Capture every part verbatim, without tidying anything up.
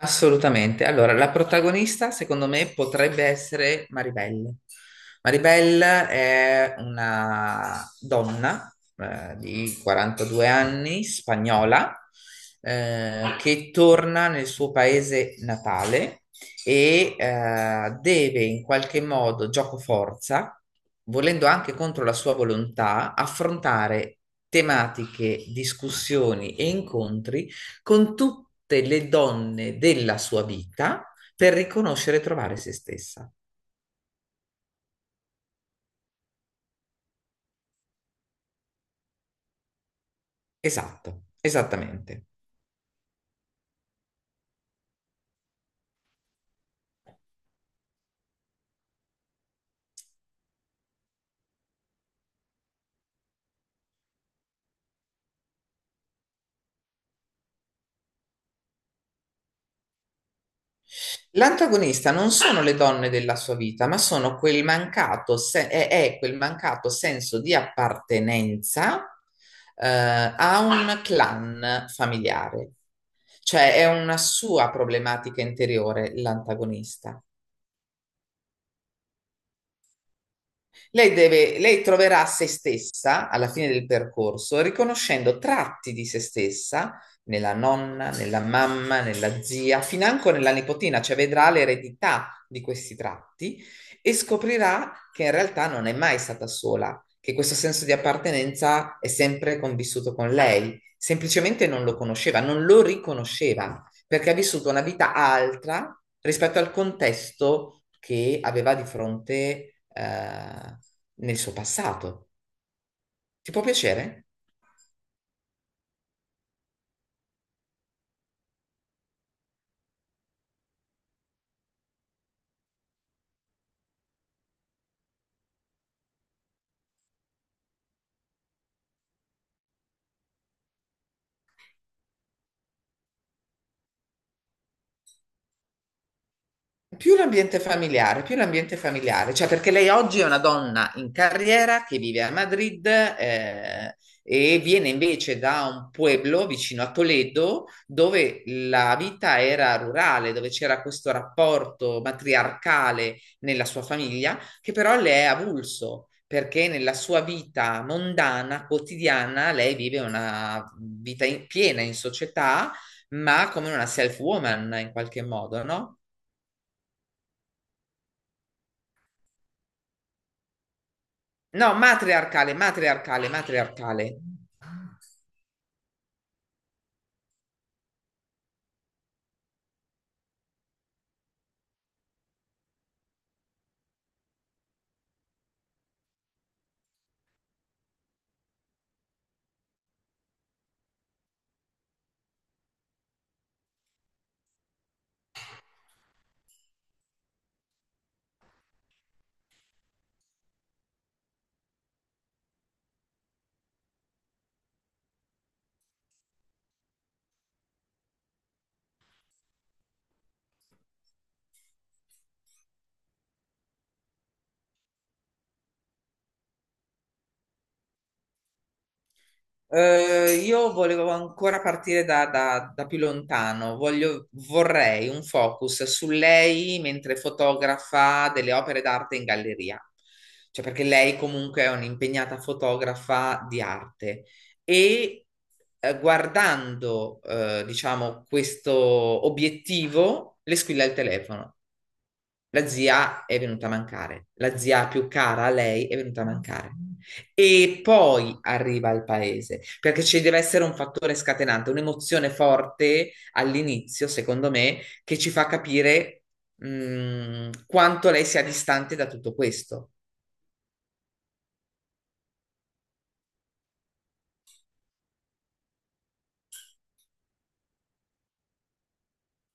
Assolutamente. Allora, la protagonista, secondo me, potrebbe essere Maribel. Maribel è una donna eh, di quarantadue anni, spagnola, eh, che torna nel suo paese natale e eh, deve in qualche modo, gioco forza, volendo anche contro la sua volontà, affrontare tematiche, discussioni e incontri con tutte le donne della sua vita per riconoscere e trovare se stessa. Esatto, esattamente. L'antagonista non sono le donne della sua vita, ma sono quel mancato se- è, è quel mancato senso di appartenenza eh, a un clan familiare. Cioè è una sua problematica interiore l'antagonista. Lei deve, lei troverà se stessa alla fine del percorso, riconoscendo tratti di se stessa nella nonna, nella mamma, nella zia, financo nella nipotina, cioè vedrà l'eredità di questi tratti e scoprirà che in realtà non è mai stata sola, che questo senso di appartenenza è sempre convissuto con lei, semplicemente non lo conosceva, non lo riconosceva perché ha vissuto una vita altra rispetto al contesto che aveva di fronte eh, nel suo passato. Ti può piacere? Più l'ambiente familiare, più l'ambiente familiare, cioè perché lei oggi è una donna in carriera che vive a Madrid eh, e viene invece da un pueblo vicino a Toledo dove la vita era rurale, dove c'era questo rapporto matriarcale nella sua famiglia, che però le è avulso perché nella sua vita mondana, quotidiana, lei vive una vita in- piena in società, ma come una self-woman in qualche modo, no? No, matriarcale, matriarcale, matriarcale. Eh, io volevo ancora partire da, da- da più lontano. Voglio- vorrei un focus su lei mentre fotografa delle opere d'arte in galleria. Cioè, perché lei comunque è un'impegnata fotografa di arte. E eh, guardando, eh, diciamo, questo obiettivo, le squilla il telefono. La zia è venuta a mancare, la zia più cara a lei è venuta a mancare. E poi arriva al paese, perché ci deve essere un fattore scatenante, un'emozione forte all'inizio, secondo me, che ci fa capire, mh, quanto lei sia distante da tutto questo.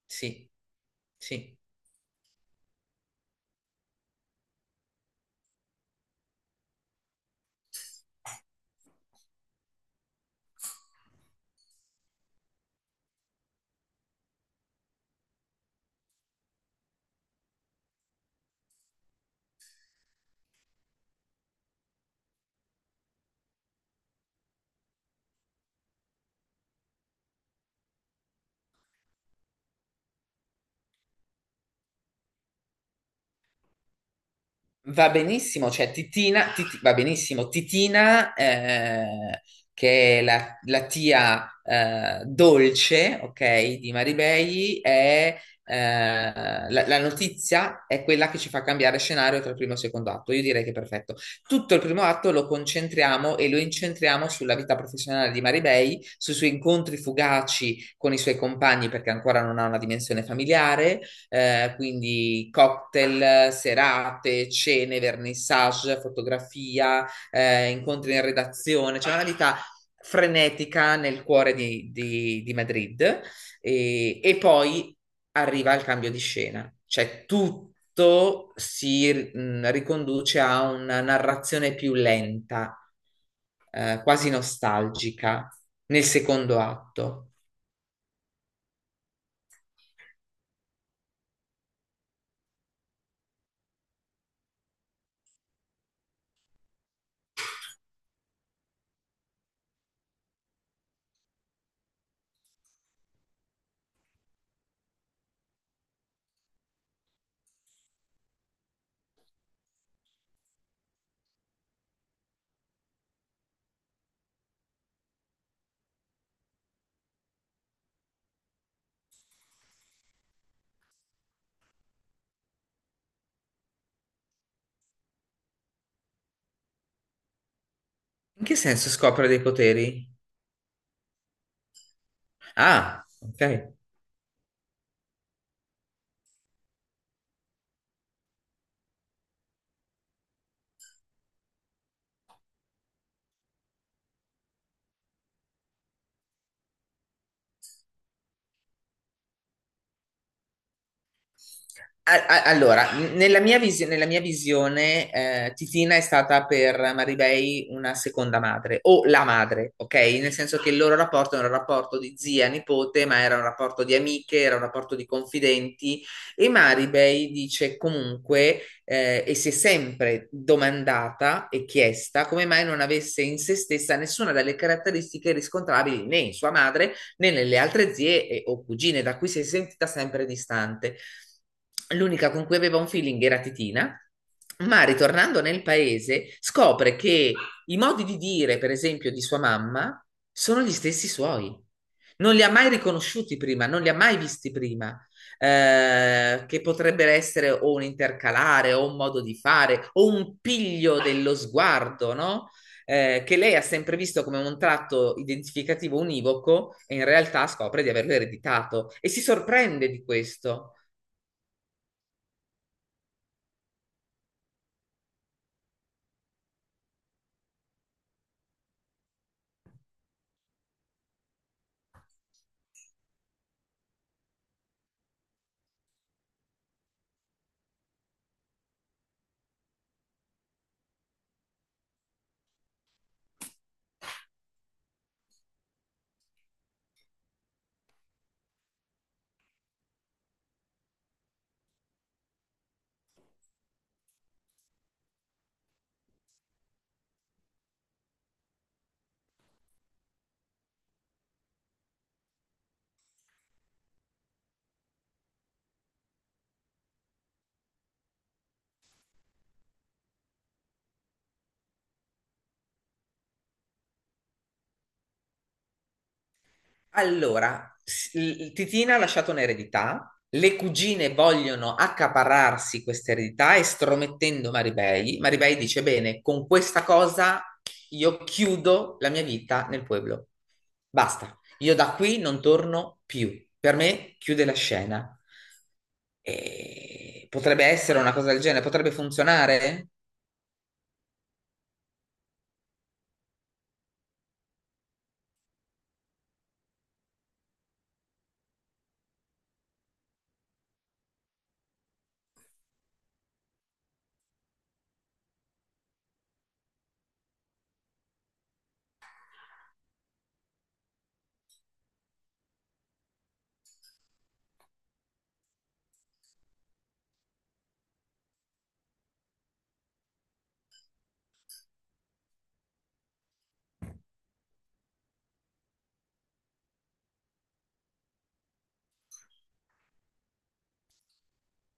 Sì, sì. Va benissimo, cioè Titina, Titi- va benissimo, Titina, eh, che è la, la tia eh, dolce, ok, di Maribei, è, eh, la, la notizia è quella che ci fa cambiare scenario tra il primo e il secondo atto. Io direi che è perfetto. Tutto il primo atto lo concentriamo e lo incentriamo sulla vita professionale di Maribei, sui suoi incontri fugaci con i suoi compagni perché ancora non ha una dimensione familiare eh, quindi cocktail, serate, cene, vernissage, fotografia, eh, incontri in redazione, c'è una vita frenetica nel cuore di, di- di Madrid e, e poi arriva il cambio di scena, cioè tutto si mh, riconduce a una narrazione più lenta, eh, quasi nostalgica, nel secondo atto. In che senso scopre dei poteri? Ah, ok. A- a- Allora, nella mia, visi- nella mia visione, eh, Titina è stata per Maribei una seconda madre o la madre, ok? Nel senso che il loro rapporto era un rapporto di zia-nipote, ma era un rapporto di amiche, era un rapporto di confidenti e Maribei dice comunque eh, e si è sempre domandata e chiesta come mai non avesse in se stessa nessuna delle caratteristiche riscontrabili né in sua madre né nelle altre zie e- o cugine, da cui si è sentita sempre distante. L'unica con cui aveva un feeling era Titina, ma ritornando nel paese scopre che i modi di dire, per esempio, di sua mamma sono gli stessi suoi. Non li ha mai riconosciuti prima, non li ha mai visti prima. Eh, che potrebbero essere o un intercalare o un modo di fare o un piglio dello sguardo, no? Eh, che lei ha sempre visto come un tratto identificativo univoco e in realtà scopre di averlo ereditato e si sorprende di questo. Allora, s- il- Titina ha lasciato un'eredità, le cugine vogliono accaparrarsi questa eredità estromettendo Maribei. Maribei dice: Bene, con questa cosa io chiudo la mia vita nel pueblo. Basta, io da qui non torno più. Per me chiude la scena. E potrebbe essere una cosa del genere, potrebbe funzionare.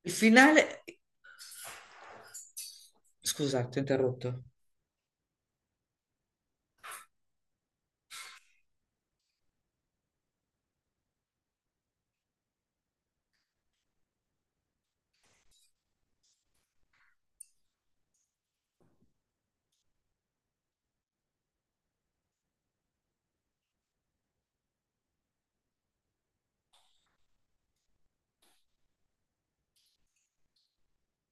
Il finale. Scusa, ti ho interrotto.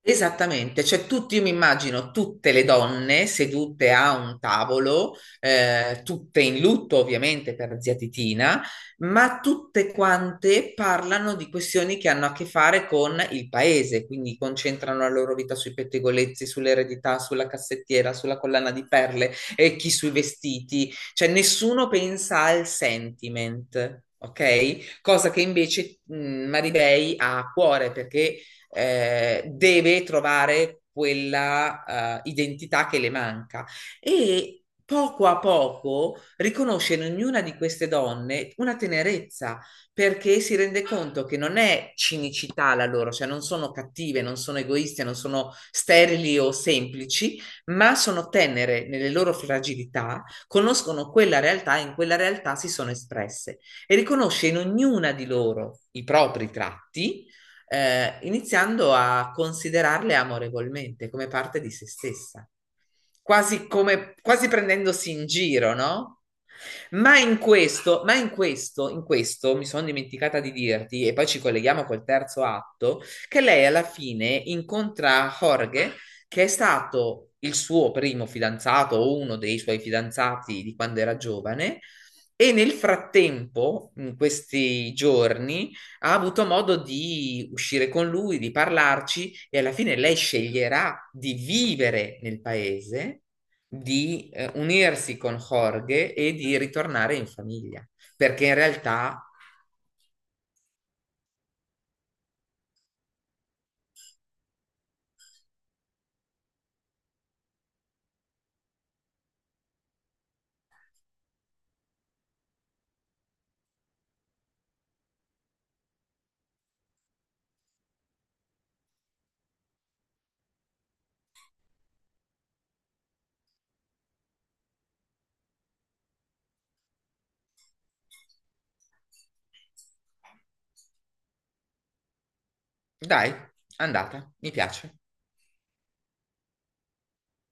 Esattamente, cioè tutti, io mi immagino tutte le donne sedute a un tavolo, eh, tutte in lutto ovviamente per la zia Titina, ma tutte quante parlano di questioni che hanno a che fare con il paese, quindi concentrano la loro vita sui pettegolezzi, sull'eredità, sulla cassettiera, sulla collana di perle e chi sui vestiti, cioè nessuno pensa al sentiment. Ok? Cosa che invece mh, Maribei ha a cuore perché eh, deve trovare quella eh, identità che le manca e poco a poco riconosce in ognuna di queste donne una tenerezza perché si rende conto che non è cinicità la loro, cioè non sono cattive, non sono egoiste, non sono sterili o semplici, ma sono tenere nelle loro fragilità, conoscono quella realtà e in quella realtà si sono espresse e riconosce in ognuna di loro i propri tratti eh, iniziando a considerarle amorevolmente come parte di se stessa, quasi come, quasi prendendosi in giro, no? Ma in questo, ma in questo, in questo mi sono dimenticata di dirti, e poi ci colleghiamo col terzo atto, che lei alla fine incontra Jorge, che è stato il suo primo fidanzato o uno dei suoi fidanzati di quando era giovane, e nel frattempo, in questi giorni, ha avuto modo di uscire con lui, di parlarci e alla fine lei sceglierà di vivere nel paese, di eh, unirsi con Jorge e di ritornare in famiglia, perché in realtà, dai, andata, mi piace.